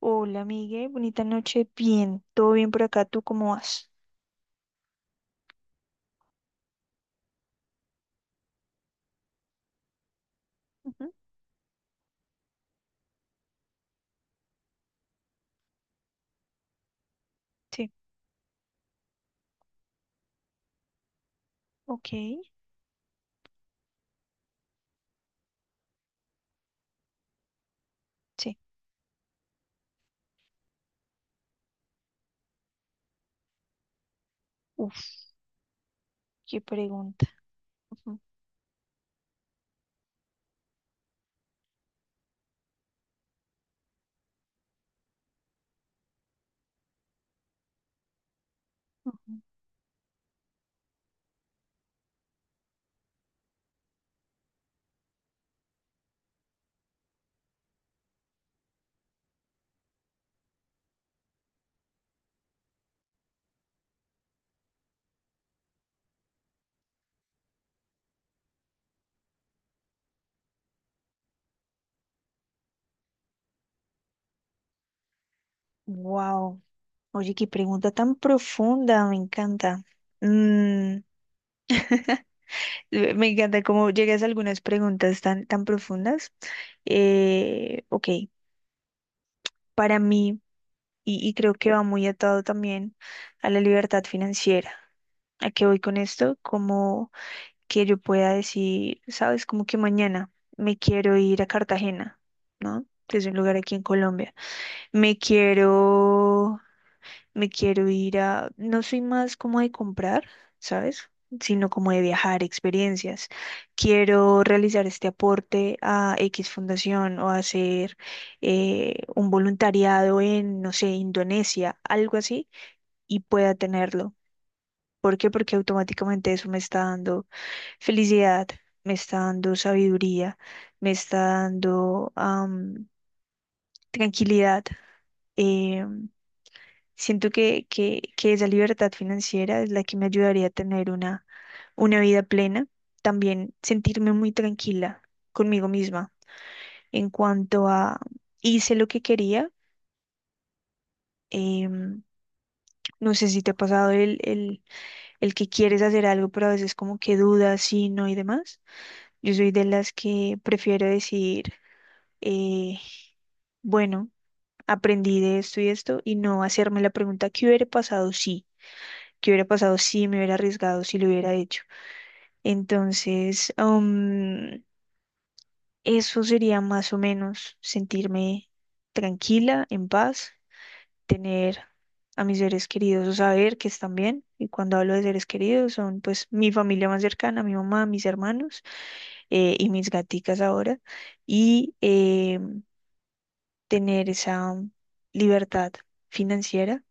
Hola, Miguel. Bonita noche. Bien, todo bien por acá. ¿Tú cómo vas? Ujú. Sí, ok. Sí. Uf, qué pregunta. Wow. Oye, qué pregunta tan profunda. Me encanta. Mm, me encanta cómo llegas a algunas preguntas tan, tan profundas. Ok, para mí, y creo que va muy atado también a la libertad financiera. ¿A qué voy con esto? Como que yo pueda decir, sabes, como que mañana me quiero ir a Cartagena, ¿no? Que es un lugar aquí en Colombia. Me quiero, me quiero ir a, no soy más como de comprar, ¿sabes? Sino como de viajar, experiencias. Quiero realizar este aporte a X fundación o hacer un voluntariado en, no sé, Indonesia, algo así, y pueda tenerlo. ¿Por qué? Porque automáticamente eso me está dando felicidad, me está dando sabiduría, me está dando tranquilidad. Eh, siento que esa libertad financiera es la que me ayudaría a tener una vida plena. También sentirme muy tranquila conmigo misma en cuanto a hice lo que quería. em, no sé si te ha pasado el que quieres hacer algo, pero a veces como que dudas, sí, no y demás. Yo soy de las que prefiero decir, eh, bueno, aprendí de esto y esto y no hacerme la pregunta, ¿qué hubiera pasado si? ¿Qué hubiera pasado si me hubiera arriesgado, si lo hubiera hecho? Entonces, eso sería más o menos sentirme tranquila, en paz, tener a mis seres queridos o saber que están bien. Y cuando hablo de seres queridos, son pues mi familia más cercana, mi mamá, mis hermanos y mis gaticas ahora y tener esa libertad financiera,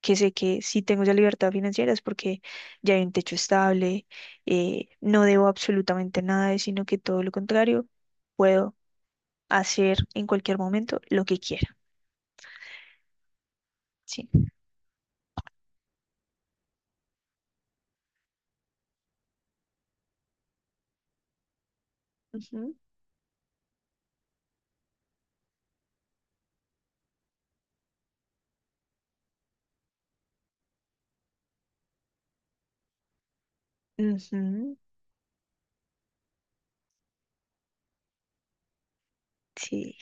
que sé que si tengo esa libertad financiera es porque ya hay un techo estable, no debo absolutamente nada, sino que todo lo contrario, puedo hacer en cualquier momento lo que quiera. Sí. Ujú, ujú, sí.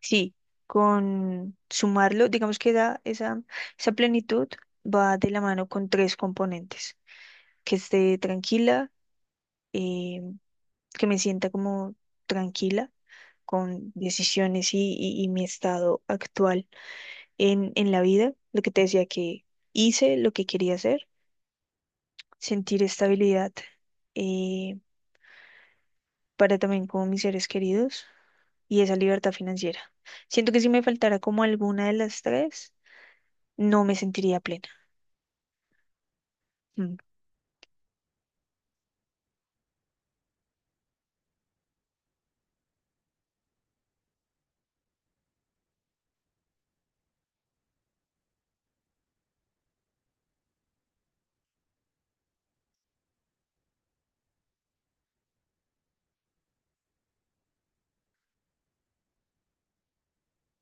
Sí, con sumarlo, digamos que da esa, esa plenitud va de la mano con tres componentes, que esté tranquila, eh, que me sienta como tranquila con decisiones y mi estado actual en la vida. Lo que te decía que hice lo que quería hacer, sentir estabilidad eh, para también con mis seres queridos y esa libertad financiera. Siento que si me faltara como alguna de las tres, no me sentiría plena. Mm,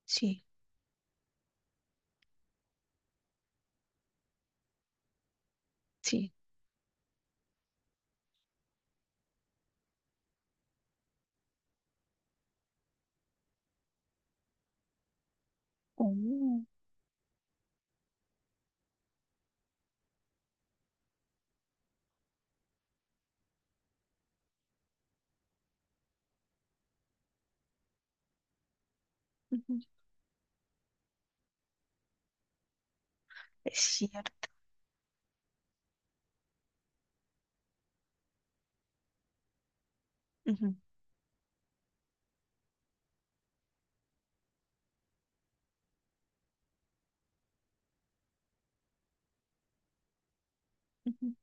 sí, sí. Oh, ujú, es cierto. Ujú, ujú.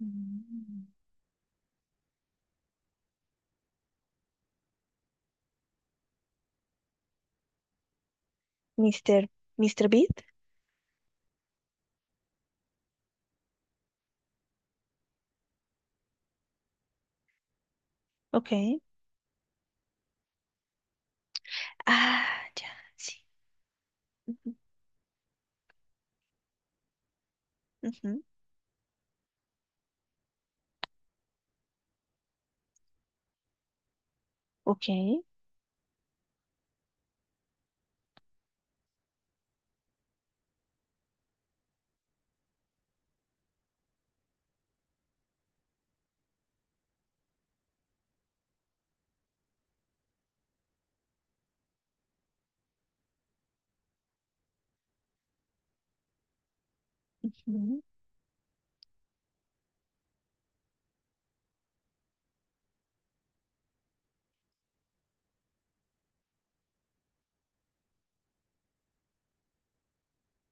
Mm. Mister, Mr. Beat, ok. Ah, ya, sí. Ujú, ujú. Ok. Ujú.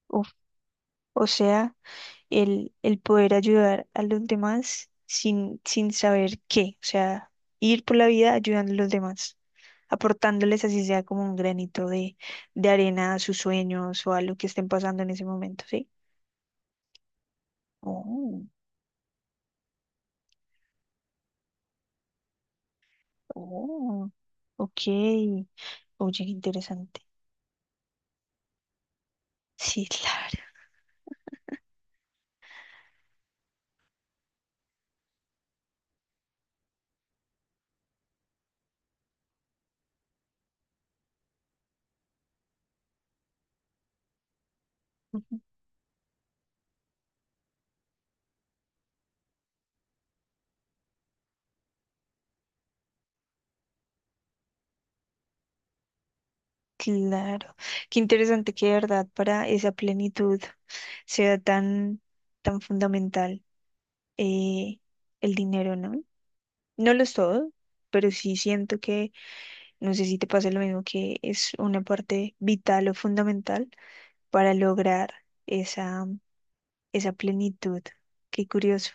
Uf, o sea, el poder ayudar a los demás sin, sin saber qué. O sea, ir por la vida ayudando a los demás, aportándoles así sea como un granito de arena a sus sueños o a lo que estén pasando en ese momento, ¿sí? Oh, oh, ok. Oye, qué interesante. Sí, claro. Claro, qué interesante que de verdad para esa plenitud sea tan, tan fundamental eh, el dinero, ¿no? No lo es todo, pero sí siento que, no sé si te pasa lo mismo, que es una parte vital o fundamental para lograr esa, esa plenitud. Qué curioso.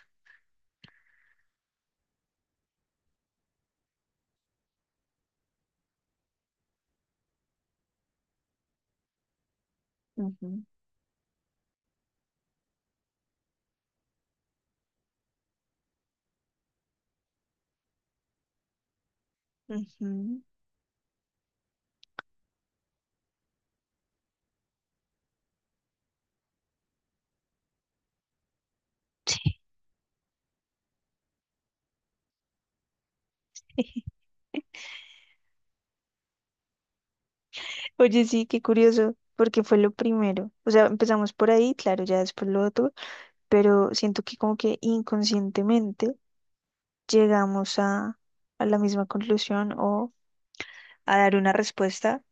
Ujú, ujú. Oye, sí, qué curioso, porque fue lo primero. O sea, empezamos por ahí, claro, ya después lo otro, pero siento que como que inconscientemente llegamos a la misma conclusión o a dar una respuesta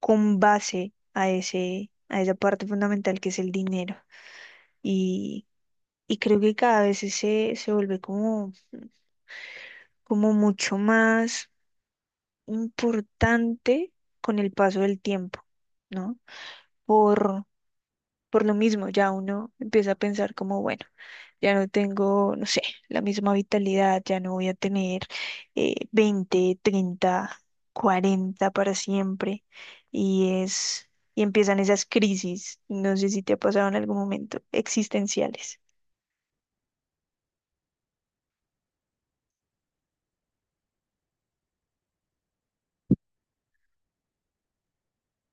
con base a ese, a esa parte fundamental que es el dinero. Y, y creo que cada vez se vuelve como, como mucho más importante con el paso del tiempo, ¿no? Por, Por lo mismo, ya uno empieza a pensar como, bueno, ya no tengo, no sé, la misma vitalidad, ya no voy a tener 20, 30, 40 para siempre. Y es, y empiezan esas crisis, no sé si te ha pasado en algún momento, existenciales.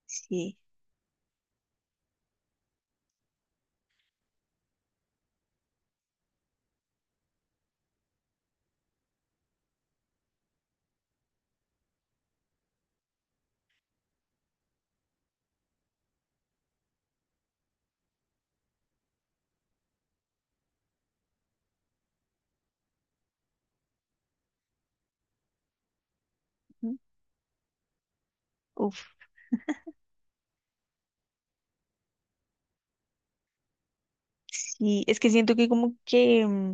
Sí. Ujú. Uf. Sí, es que siento que como que, mm,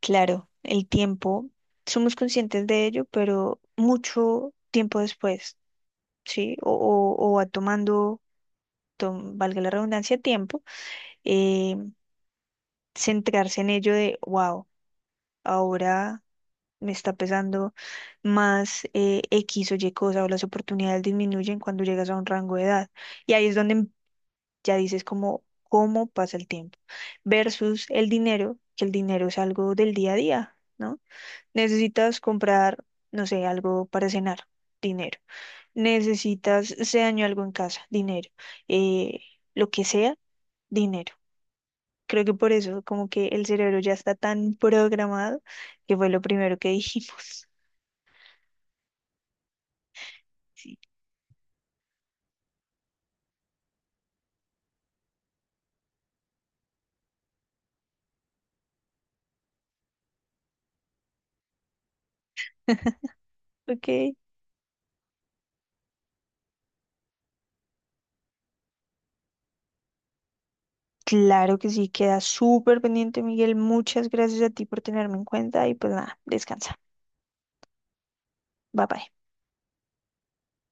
claro, el tiempo, somos conscientes de ello, pero mucho tiempo después, ¿sí? O va tomando valga la redundancia, tiempo, eh, centrarse en ello de, wow, ahora me está pesando más X o Y cosa o las oportunidades disminuyen cuando llegas a un rango de edad. Y ahí es donde ya dices como, cómo pasa el tiempo versus el dinero, que el dinero es algo del día a día, ¿no? Necesitas comprar, no sé, algo para cenar, dinero. Necesitas, se dañó algo en casa, dinero. Eh, lo que sea, dinero. Creo que por eso, como que el cerebro ya está tan programado, que fue lo primero que dijimos. Sí. Ok. Claro que sí, queda súper pendiente, Miguel. Muchas gracias a ti por tenerme en cuenta y pues nada, descansa. Bye bye.